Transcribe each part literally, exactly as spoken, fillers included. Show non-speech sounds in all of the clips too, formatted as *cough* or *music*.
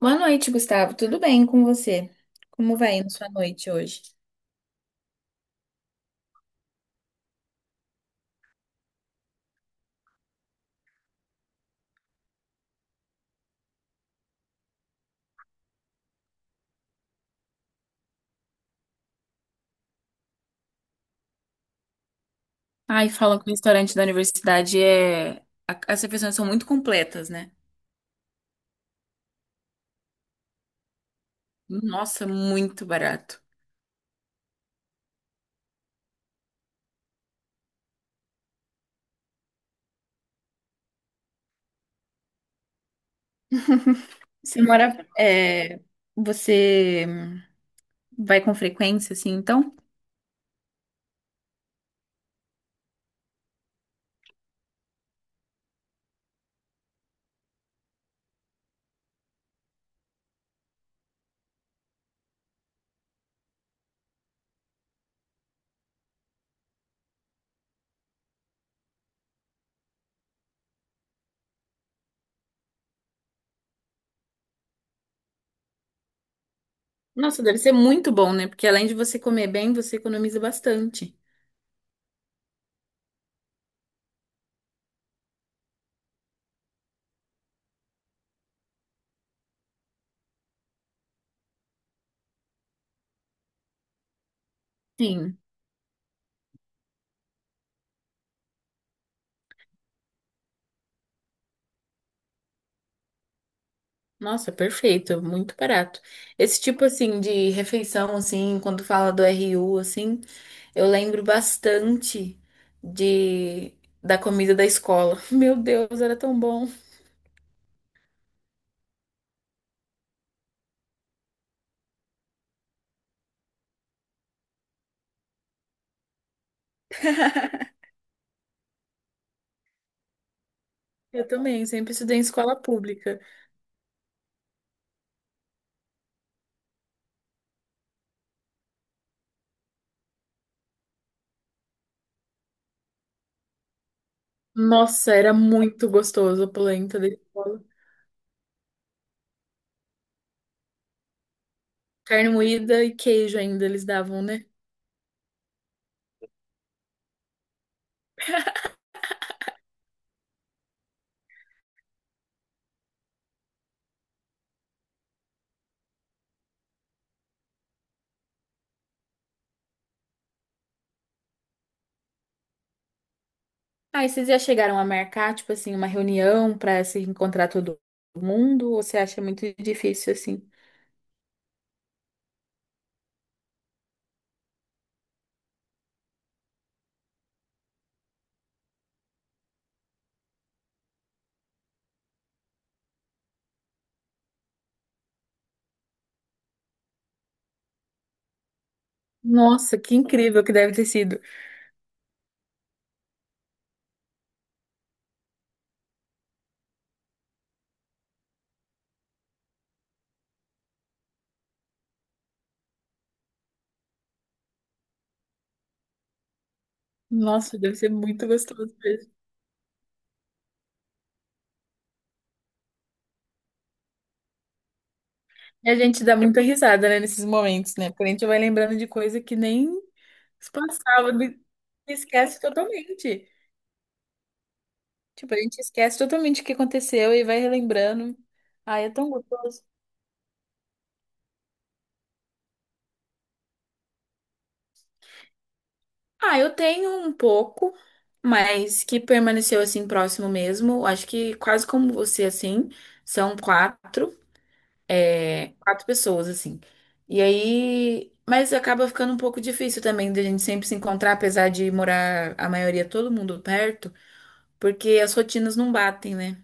Boa noite, Gustavo. Tudo bem com você? Como vai na sua noite hoje? Ai, falam que o restaurante da universidade é. a- As refeições são muito completas, né? Nossa, muito barato. Você mora, é, você vai com frequência, assim, então? Nossa, deve ser muito bom, né? Porque além de você comer bem, você economiza bastante. Sim. Nossa, perfeito, muito barato. Esse tipo assim de refeição assim, quando fala do R U assim, eu lembro bastante de da comida da escola. *laughs* Meu Deus, era tão bom. Eu também, sempre estudei em escola pública. Nossa, era muito gostoso a polenta da escola. Carne moída e queijo ainda eles davam, né? Ah, e vocês já chegaram a marcar, tipo assim, uma reunião para se encontrar todo mundo? Ou você acha muito difícil assim? Nossa, que incrível que deve ter sido. Nossa, deve ser muito gostoso mesmo. E a gente dá muita risada, né, nesses momentos, né? Porque a gente vai lembrando de coisa que nem se passava, me- esquece totalmente. Tipo, a gente esquece totalmente o que aconteceu e vai relembrando. Ai, é tão gostoso. Ah, eu tenho um pouco, mas que permaneceu assim próximo mesmo. Acho que quase como você, assim, são quatro. É, quatro pessoas, assim. E aí. Mas acaba ficando um pouco difícil também da gente sempre se encontrar, apesar de morar a maioria, todo mundo perto, porque as rotinas não batem, né?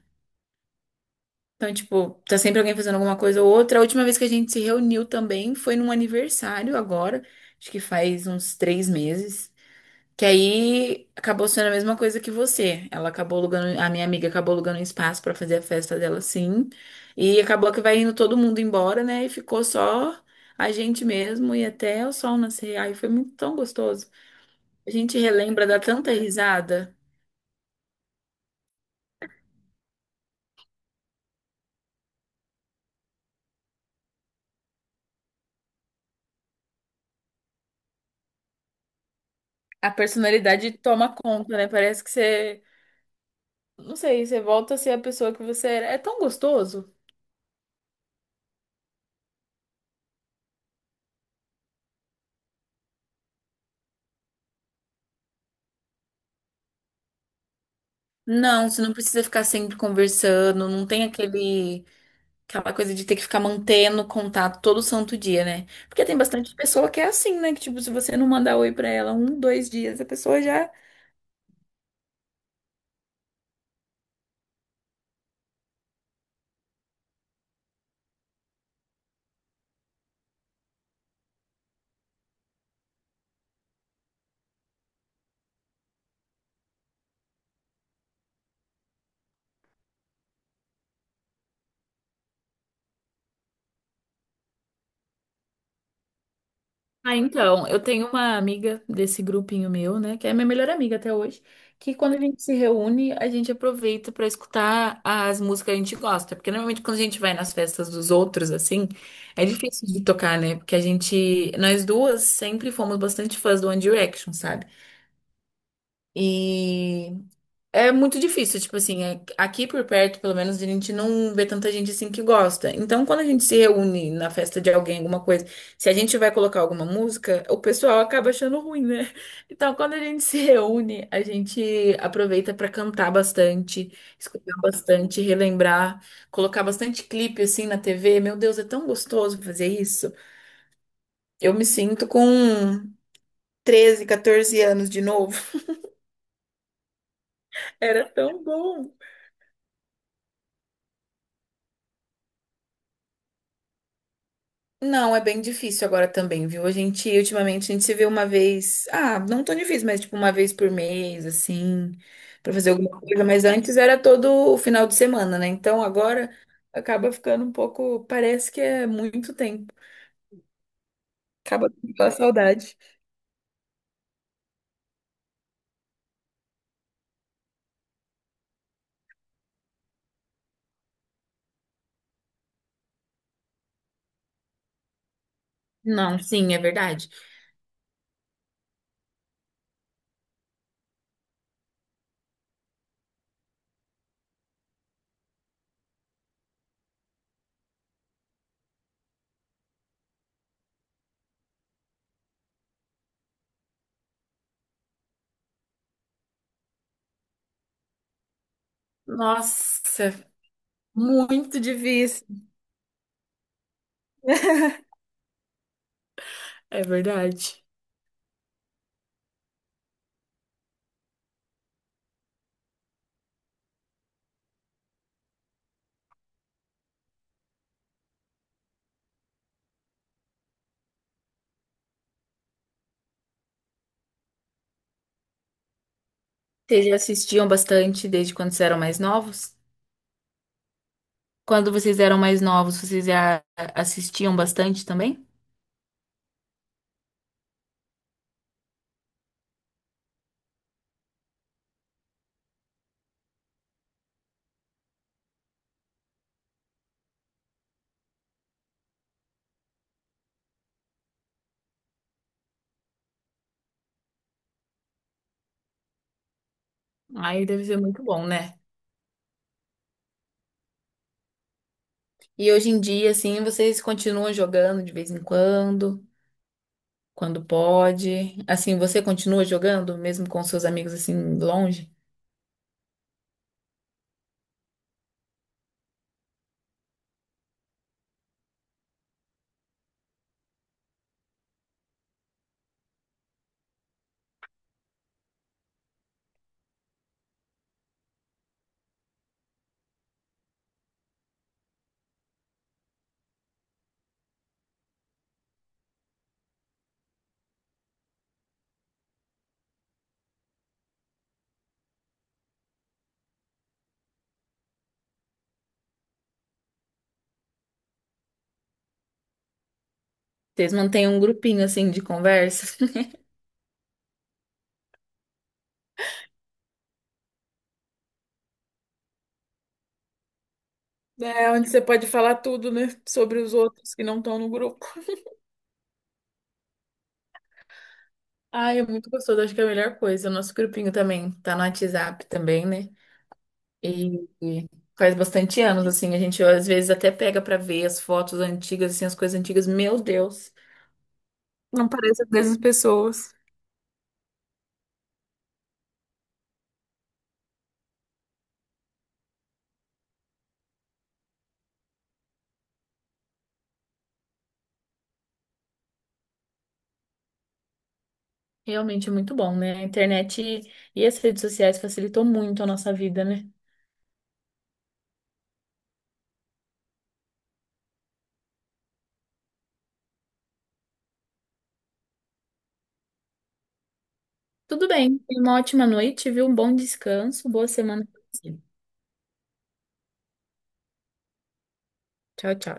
Então, tipo, tá sempre alguém fazendo alguma coisa ou outra. A última vez que a gente se reuniu também foi num aniversário agora, acho que faz uns três meses. Que aí acabou sendo a mesma coisa que você. Ela acabou alugando, a minha amiga acabou alugando um espaço pra fazer a festa dela, sim. E acabou que vai indo todo mundo embora, né? E ficou só a gente mesmo e até o sol nascer. Aí foi muito tão gostoso. A gente relembra, dá tanta risada. A personalidade toma conta, né? Parece que você, não sei, você volta a ser a pessoa que você era. É tão gostoso. Não, você não precisa ficar sempre conversando, não tem aquele Aquela coisa de ter que ficar mantendo contato todo santo dia, né? Porque tem bastante pessoa que é assim, né? Que, tipo, se você não mandar oi pra ela um, dois dias, a pessoa já. Ah, então, eu tenho uma amiga desse grupinho meu, né, que é minha melhor amiga até hoje, que quando a gente se reúne, a gente aproveita pra escutar as músicas que a gente gosta, porque normalmente quando a gente vai nas festas dos outros assim, é difícil de tocar, né? Porque a gente, nós duas sempre fomos bastante fãs do One Direction, sabe? E é muito difícil, tipo assim, é- aqui por perto, pelo menos, a gente não vê tanta gente assim que gosta. Então, quando a gente se reúne na festa de alguém, alguma coisa, se a gente vai colocar alguma música, o pessoal acaba achando ruim, né? Então, quando a gente se reúne, a gente aproveita pra cantar bastante, escutar bastante, relembrar, colocar bastante clipe assim na T V. Meu Deus, é tão gostoso fazer isso. Eu me sinto com treze, quatorze anos de novo. *laughs* Era tão bom. Não, é bem difícil agora também, viu? A gente, ultimamente, a gente se vê uma vez. Ah, não tão difícil, mas tipo uma vez por mês, assim, pra fazer alguma coisa. Mas antes era todo o final de semana, né? Então agora acaba ficando um pouco. Parece que é muito tempo. Acaba pela saudade. Não, sim, é verdade. Nossa, muito difícil. É verdade. Vocês já assistiam bastante desde quando vocês eram mais novos? Quando vocês eram mais novos, vocês já assistiam bastante também? Aí deve ser muito bom, né? E hoje em dia, assim, vocês continuam jogando de vez em quando, quando pode. Assim, você continua jogando, mesmo com seus amigos, assim, longe? Vocês mantêm um grupinho, assim, de conversa? *laughs* É, onde você pode falar tudo, né? Sobre os outros que não estão no grupo. Ai, é muito gostoso, acho que é a melhor coisa. O nosso grupinho também tá no WhatsApp também, né? E, e faz bastante anos, assim, a gente às vezes até pega pra ver as fotos antigas, assim, as coisas antigas. Meu Deus! Não parece dessas pessoas. Realmente é muito bom, né? A internet e e as redes sociais facilitou muito a nossa vida, né? Tudo bem, tenha uma ótima noite, viu? Um bom descanso, boa semana pra você. Tchau, tchau.